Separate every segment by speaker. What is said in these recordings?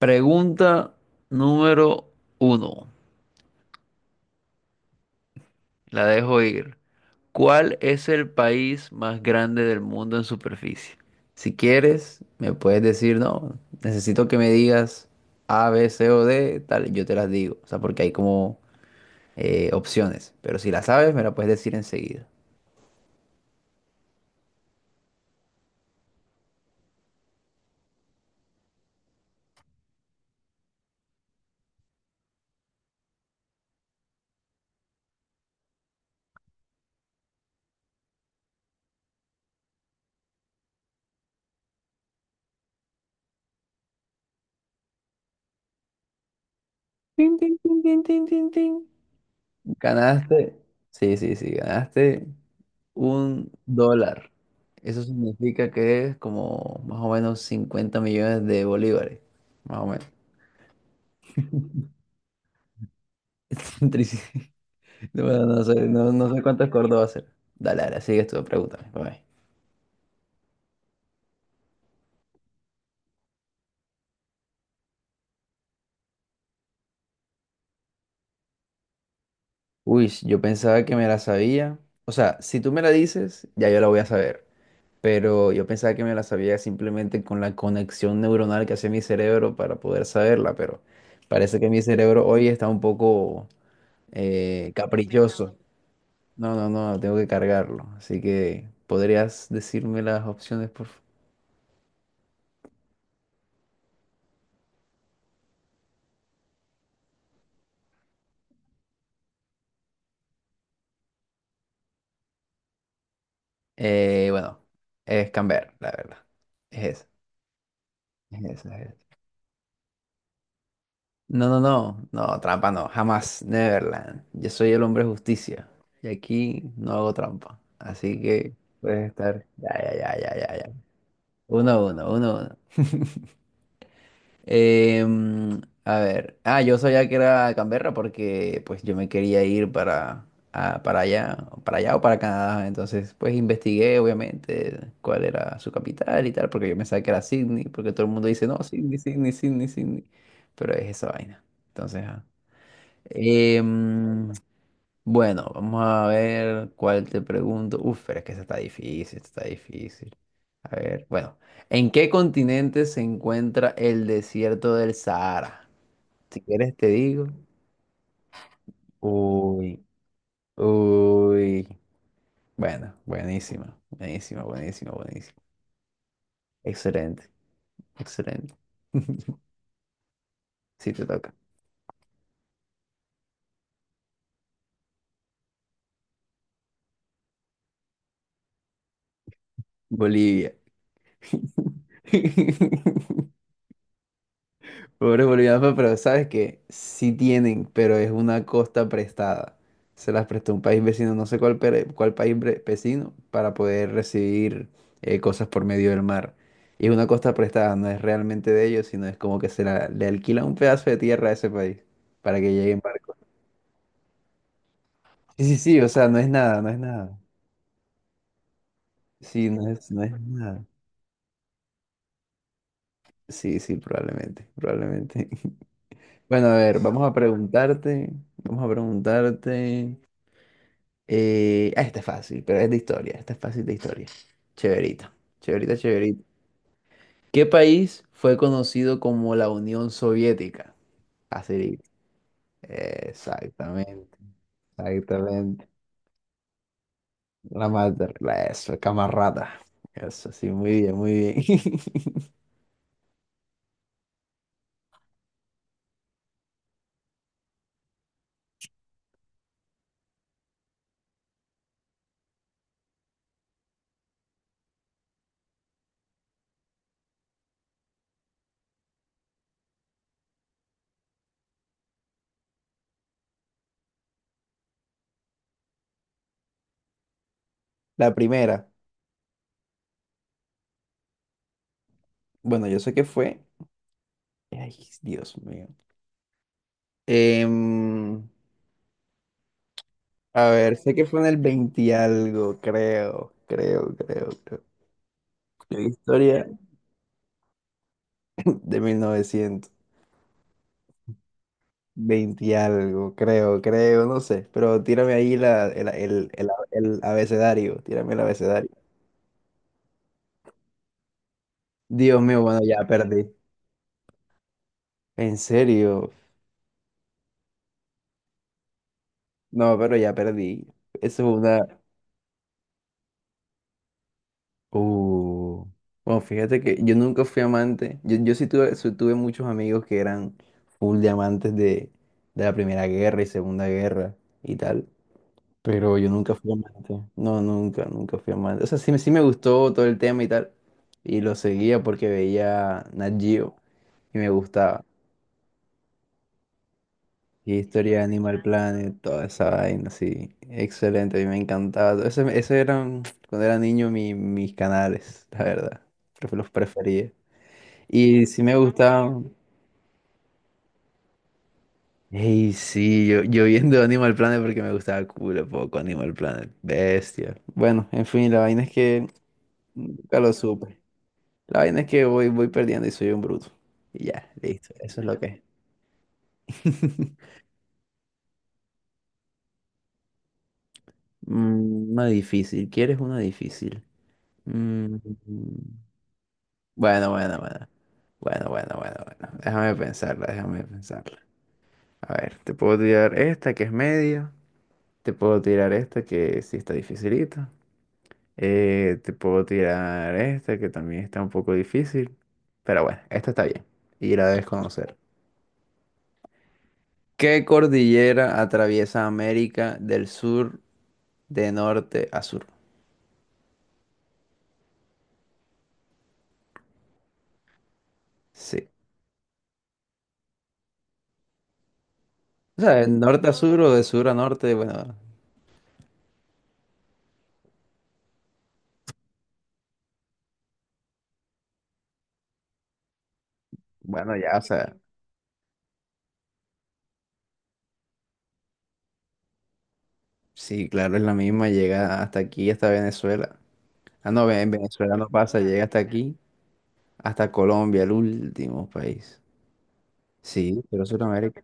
Speaker 1: Pregunta número uno. La dejo ir. ¿Cuál es el país más grande del mundo en superficie? Si quieres, me puedes decir, no, necesito que me digas A, B, C o D, tal, y yo te las digo. O sea, porque hay como opciones. Pero si la sabes, me la puedes decir enseguida. Tin, tin, tin, tin, tin, tin, tin. Ganaste. Sí, sí, sí, ganaste. Un dólar. Eso significa que es como más o menos 50 millones de bolívares. Más o menos. Trici- Bueno, no sé, no sé cuántos cordos va a ser. Dale, dale, sigues tú, pregúntame. Pa' ver. Uy, yo pensaba que me la sabía. O sea, si tú me la dices, ya yo la voy a saber. Pero yo pensaba que me la sabía simplemente con la conexión neuronal que hace mi cerebro para poder saberla. Pero parece que mi cerebro hoy está un poco caprichoso. No, no, no, tengo que cargarlo. Así que, ¿podrías decirme las opciones, por favor? Bueno, es Camber, la verdad. Es esa, es esa, es esa. No, no, no, no, trampa no, jamás, Neverland. Yo soy el hombre de justicia y aquí no hago trampa. Así que puedes estar. Ya, ya, ya, ya, ya, ya. Uno, uno, uno, uno. A ver, yo sabía que era Canberra porque pues yo me quería ir para, a- para allá, para allá o para Canadá, entonces pues investigué obviamente cuál era su capital y tal, porque yo pensaba que era Sydney, porque todo el mundo dice, no, Sydney, Sydney, Sydney, Sydney, pero es esa vaina, entonces, ajá. Em, bueno, vamos a ver cuál te pregunto. Uf, pero es que esta está difícil, esta está difícil. A ver, bueno, ¿en qué continente se encuentra el desierto del Sahara? Si quieres te digo. Uy, uy. Bueno, buenísima, buenísima, buenísima, buenísima. Excelente, excelente. Sí, te toca. Bolivia. Pobres bolivianos, pero sabes que sí tienen, pero es una costa prestada. Se las prestó un país vecino, no sé cuál, cuál país vecino, para poder recibir cosas por medio del mar. Y es una costa prestada, no es realmente de ellos, sino es como que le alquila un pedazo de tierra a ese país para que llegue en barco. Sí, sí, sí, o sea, no es nada, no es nada. Sí, no es, no es nada. Sí, sí, probablemente, probablemente. Bueno, a ver, vamos a preguntarte. Esta es fácil, pero es de historia. Esta es fácil de historia. Chéverita, chéverita, chéverita. ¿Qué país fue conocido como la Unión Soviética? Facilita. Exactamente, exactamente. La madre, la eso, camarada. Eso, sí, muy bien, muy bien. La primera. Bueno, yo sé que fue. Ay, Dios mío. Em, a ver, sé que fue en el 20 y algo, creo, creo, creo, creo. La historia. De 1920 y algo, creo, creo, no sé. Pero tírame ahí la, el abecedario, tírame el abecedario. Dios mío, bueno, ya perdí. ¿En serio? No, pero ya perdí. Eso es una... Uh. Bueno, fíjate que yo nunca fui amante. Yo sí tuve muchos amigos que eran full de amantes de la Primera Guerra y Segunda Guerra y tal. Pero yo nunca fui amante. No, nunca, nunca fui amante. O sea, sí, sí me gustó todo el tema y tal. Y lo seguía porque veía Nat Geo y me gustaba. Y historia de Animal Planet, toda esa vaina, sí. Excelente, a mí me encantaba. Todo eso, eso eran, cuando era niño, mis canales, la verdad. Los prefería. Y sí me gustaban. Ey, sí, yo viendo Animal Planet porque me gustaba culo poco Animal Planet. Bestia. Bueno, en fin, la vaina es que nunca lo supe. La vaina es que voy perdiendo y soy un bruto. Y ya, listo. Eso es lo que es. Mm, una difícil. ¿Quieres una difícil? Mm, bueno, bueno, bueno. Bueno, bueno, bueno, bueno. Déjame pensarla, déjame pensarla. A ver, te puedo tirar esta que es media. Te puedo tirar esta que sí está dificilita. Te puedo tirar esta que también está un poco difícil. Pero bueno, esta está bien. Y la debes conocer. ¿Qué cordillera atraviesa América del Sur? De norte a sur. Sí. O sea, de norte a sur o de sur a norte, bueno, bueno, ya, o sea, sí, claro, es la misma, llega hasta aquí, hasta Venezuela. Ah, no, en Venezuela no pasa, llega hasta aquí, hasta Colombia, el último país. Sí, pero Sudamérica.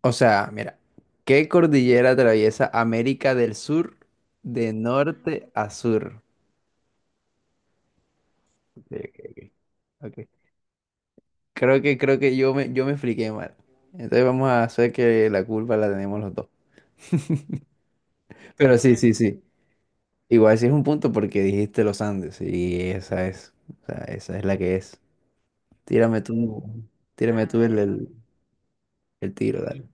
Speaker 1: O sea, mira, ¿qué cordillera atraviesa América del Sur de norte a sur? Ok, ok, ok. Creo que yo me expliqué mal. Entonces vamos a hacer que la culpa la tenemos los dos. Pero sí, sí, sí. Igual sí es un punto porque dijiste los Andes y esa es, o sea, esa es la que es. Tírame tú, tírame tú el tiro, dale.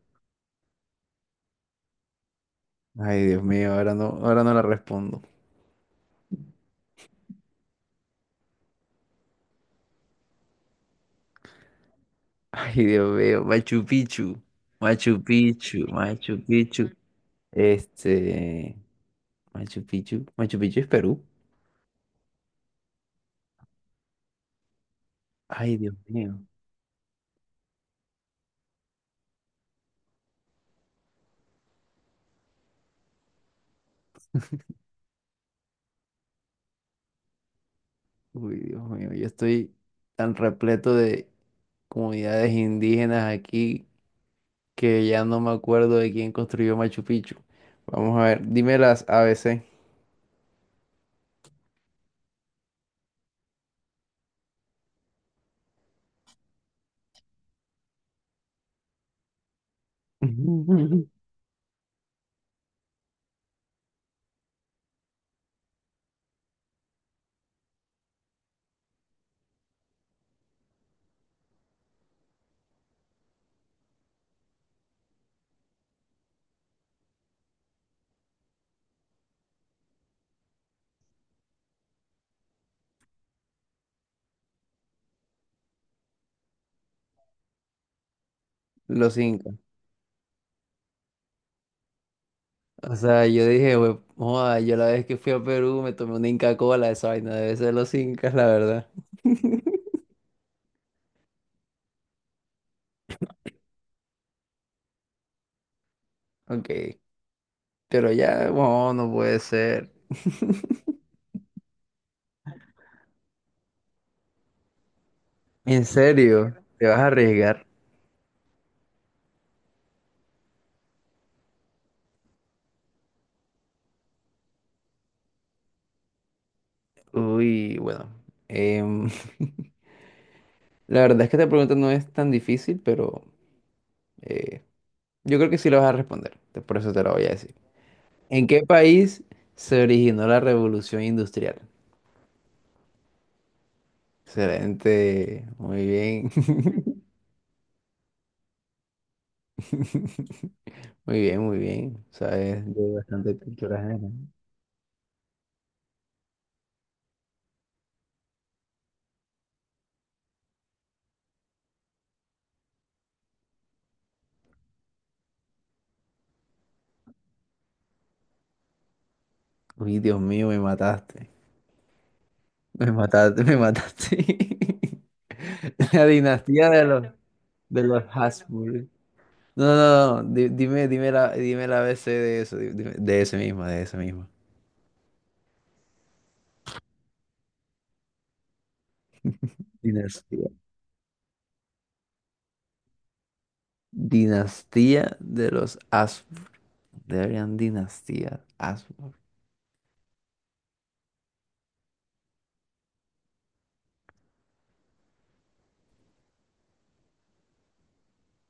Speaker 1: Ay, Dios mío, ahora no la respondo. Ay, Dios mío, Machu Picchu, Machu Picchu, Machu Picchu. Este, Machu Picchu, Machu Picchu es Perú. Ay, Dios mío, uy, Dios mío, yo estoy tan repleto de comunidades indígenas aquí que ya no me acuerdo de quién construyó Machu Picchu. Vamos a ver, dime las A B C. Los Incas. O sea, yo dije, "Hue- joda, yo la vez que fui a Perú me tomé una Inca Cola, esa vaina debe ser los Incas, la verdad. Ok, pero ya, bueno, no puede ser. ¿En serio? ¿Te vas a arriesgar? Uy, bueno. em, la verdad es que esta pregunta no es tan difícil, pero eh, yo creo que sí la vas a responder. Por eso te la voy a decir. ¿En qué país se originó la revolución industrial? Excelente, muy bien. Muy bien, muy bien. Sabes de bastante cultura general. Uy, Dios mío, me mataste. Me mataste, me mataste. La dinastía de los Habsburg. No, no, no. No. Dime, dime la ABC de eso. De ese mismo, de ese mismo. Dinastía. Dinastía de los Habsburg. Deberían dinastía. Habsburg.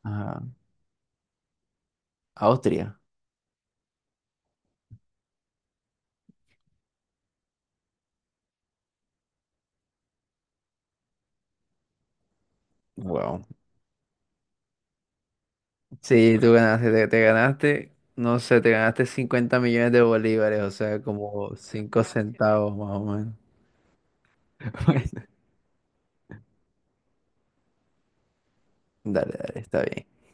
Speaker 1: Ajá. Austria. Wow. Sí, tú ganaste, te ganaste, no sé, te ganaste 50 millones de bolívares, o sea, como 5 centavos más o menos. Bueno, dale, dale, está bien.